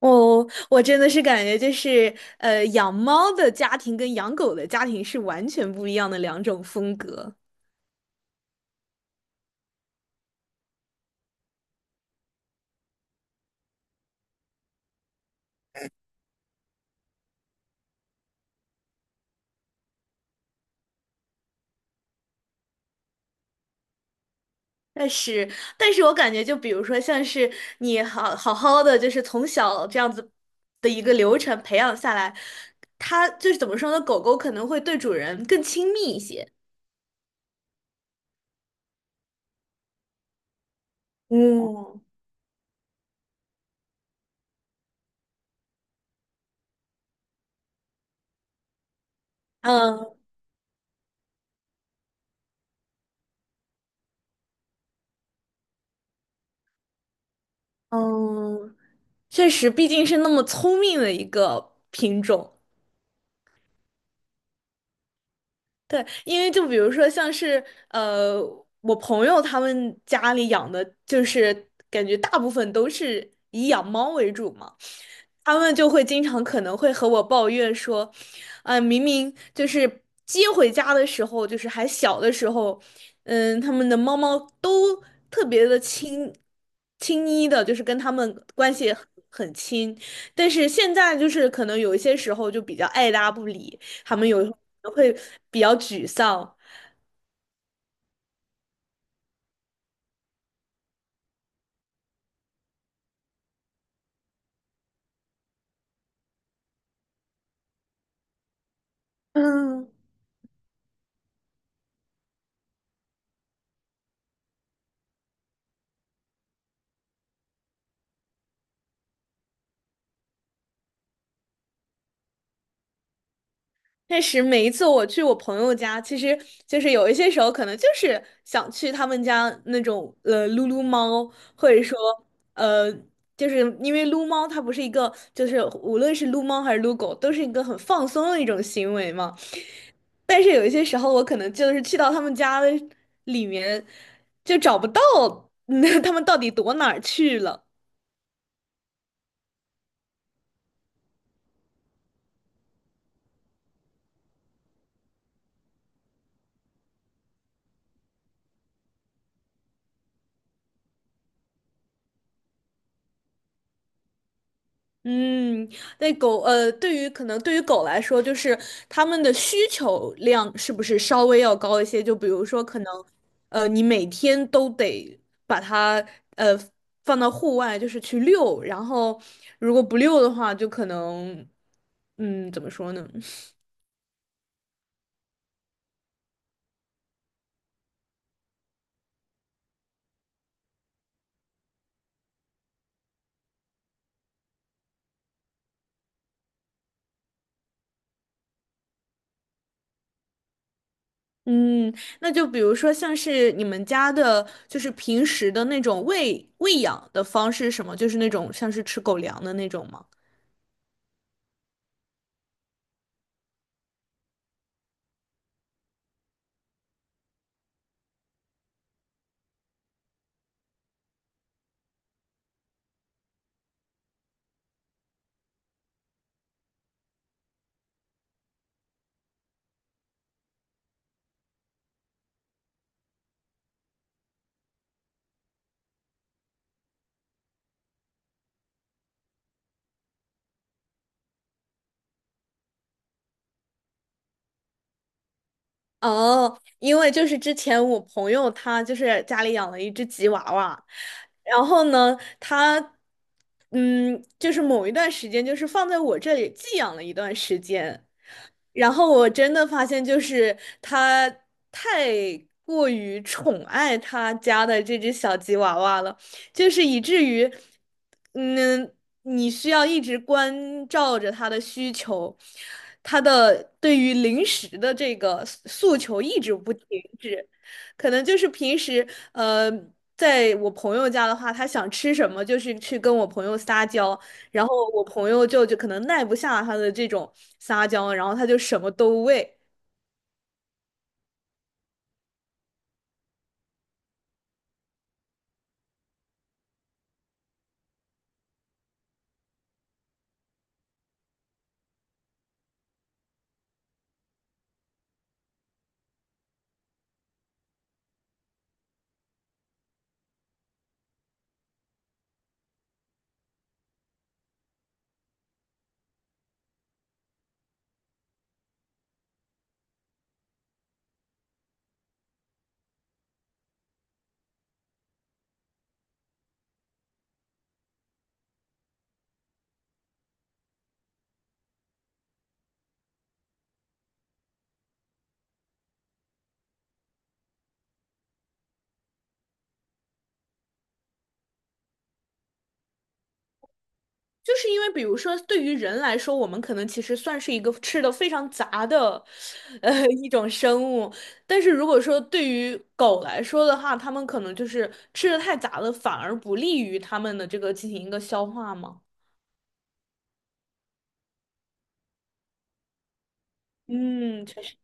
哦，我真的是感觉就是，养猫的家庭跟养狗的家庭是完全不一样的两种风格。但是，但是我感觉，就比如说，像是你好的，就是从小这样子的一个流程培养下来，它就是怎么说呢？狗狗可能会对主人更亲密一些。嗯嗯嗯，确实，毕竟是那么聪明的一个品种。对，因为就比如说像是呃，我朋友他们家里养的，就是感觉大部分都是以养猫为主嘛，他们就会经常可能会和我抱怨说，啊、明明就是接回家的时候，就是还小的时候，嗯，他们的猫猫都特别的亲昵的，就是跟他们关系很亲，但是现在就是可能有一些时候就比较爱搭不理。他们有时候都会比较沮丧。嗯确实，每一次我去我朋友家，其实就是有一些时候可能就是想去他们家那种撸撸猫，或者说呃，就是因为撸猫它不是一个，就是无论是撸猫还是撸狗，都是一个很放松的一种行为嘛。但是有一些时候，我可能就是去到他们家的里面，就找不到，那他们到底躲哪儿去了。嗯，那狗，对于可能对于狗来说，就是它们的需求量是不是稍微要高一些？就比如说，可能，你每天都得把它，呃，放到户外，就是去遛，然后如果不遛的话，就可能，嗯，怎么说呢？嗯，那就比如说像是你们家的，就是平时的那种喂养的方式，什么，就是那种像是吃狗粮的那种吗？哦，因为就是之前我朋友他就是家里养了一只吉娃娃，然后呢，他嗯，就是某一段时间就是放在我这里寄养了一段时间，然后我真的发现就是他太过于宠爱他家的这只小吉娃娃了。就是以至于，嗯，你需要一直关照着他的需求，他的对于零食的这个诉求一直不停止。可能就是平时，呃，在我朋友家的话，他想吃什么，就是去跟我朋友撒娇，然后我朋友就可能耐不下他的这种撒娇，然后他就什么都喂。就是因为，比如说，对于人来说，我们可能其实算是一个吃的非常杂的，一种生物。但是如果说对于狗来说的话，它们可能就是吃的太杂了，反而不利于它们的这个进行一个消化嘛。嗯，确实。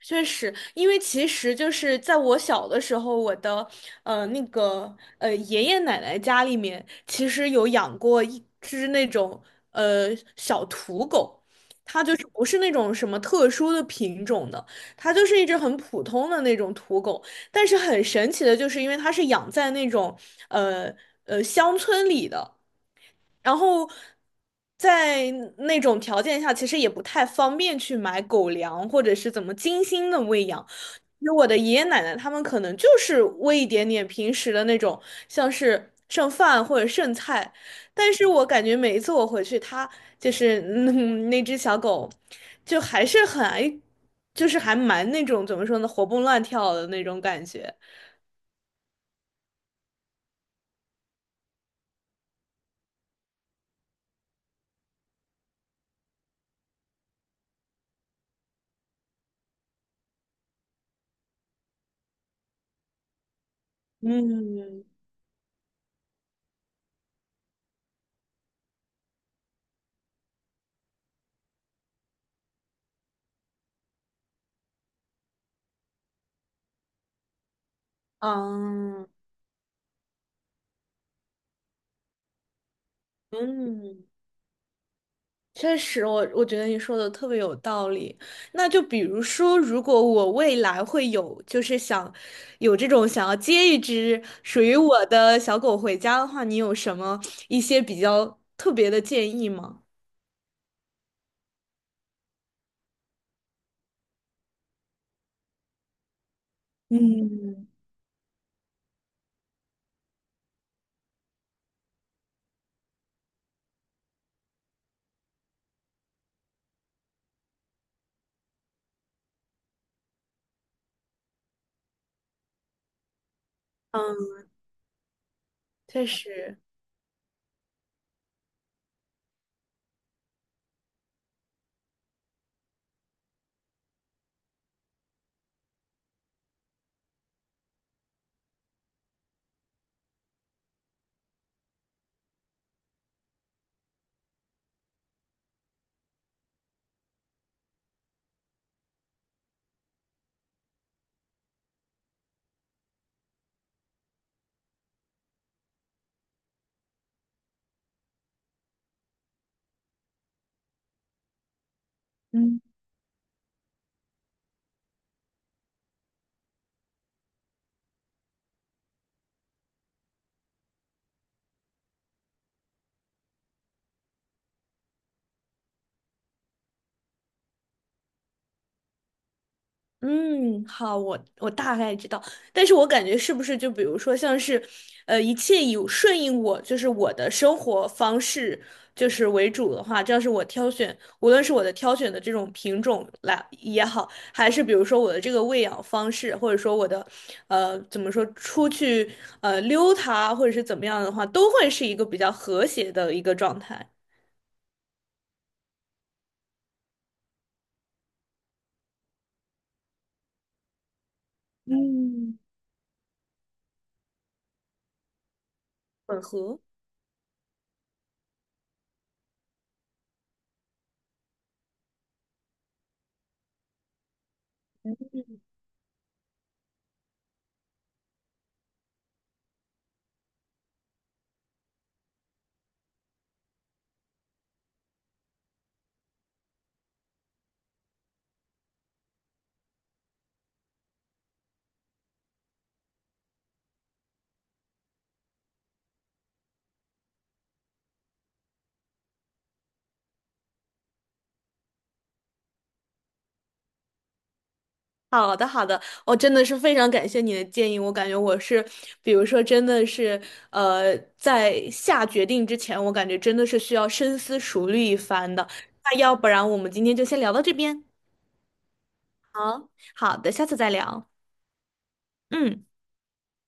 确实，因为其实就是在我小的时候，我的那个爷爷奶奶家里面，其实有养过一只那种呃小土狗，它就是不是那种什么特殊的品种的，它就是一只很普通的那种土狗。但是很神奇的就是，因为它是养在那种呃乡村里的，然后在那种条件下，其实也不太方便去买狗粮或者是怎么精心的喂养。其实我的爷爷奶奶他们可能就是喂一点点平时的那种，像是剩饭或者剩菜。但是我感觉每一次我回去，它就是嗯那只小狗，就还是很爱，就是还蛮那种怎么说呢，活蹦乱跳的那种感觉。嗯，嗯，嗯。确实，我觉得你说的特别有道理。那就比如说，如果我未来会有，就是想有这种想要接一只属于我的小狗回家的话，你有什么一些比较特别的建议吗？嗯嗯，确实。嗯。嗯，好，我大概知道，但是我感觉是不是就比如说像是，一切以顺应我，就是我的生活方式就是为主的话，这要是我挑选，无论是我的挑选的这种品种来也好，还是比如说我的这个喂养方式，或者说我的，怎么说出去溜它，或者是怎么样的话，都会是一个比较和谐的一个状态，嗯，混合。好的，好的，我真的是非常感谢你的建议。我感觉我是，比如说，真的是，在下决定之前，我感觉真的是需要深思熟虑一番的。那要不然我们今天就先聊到这边。好，好的，下次再聊。嗯。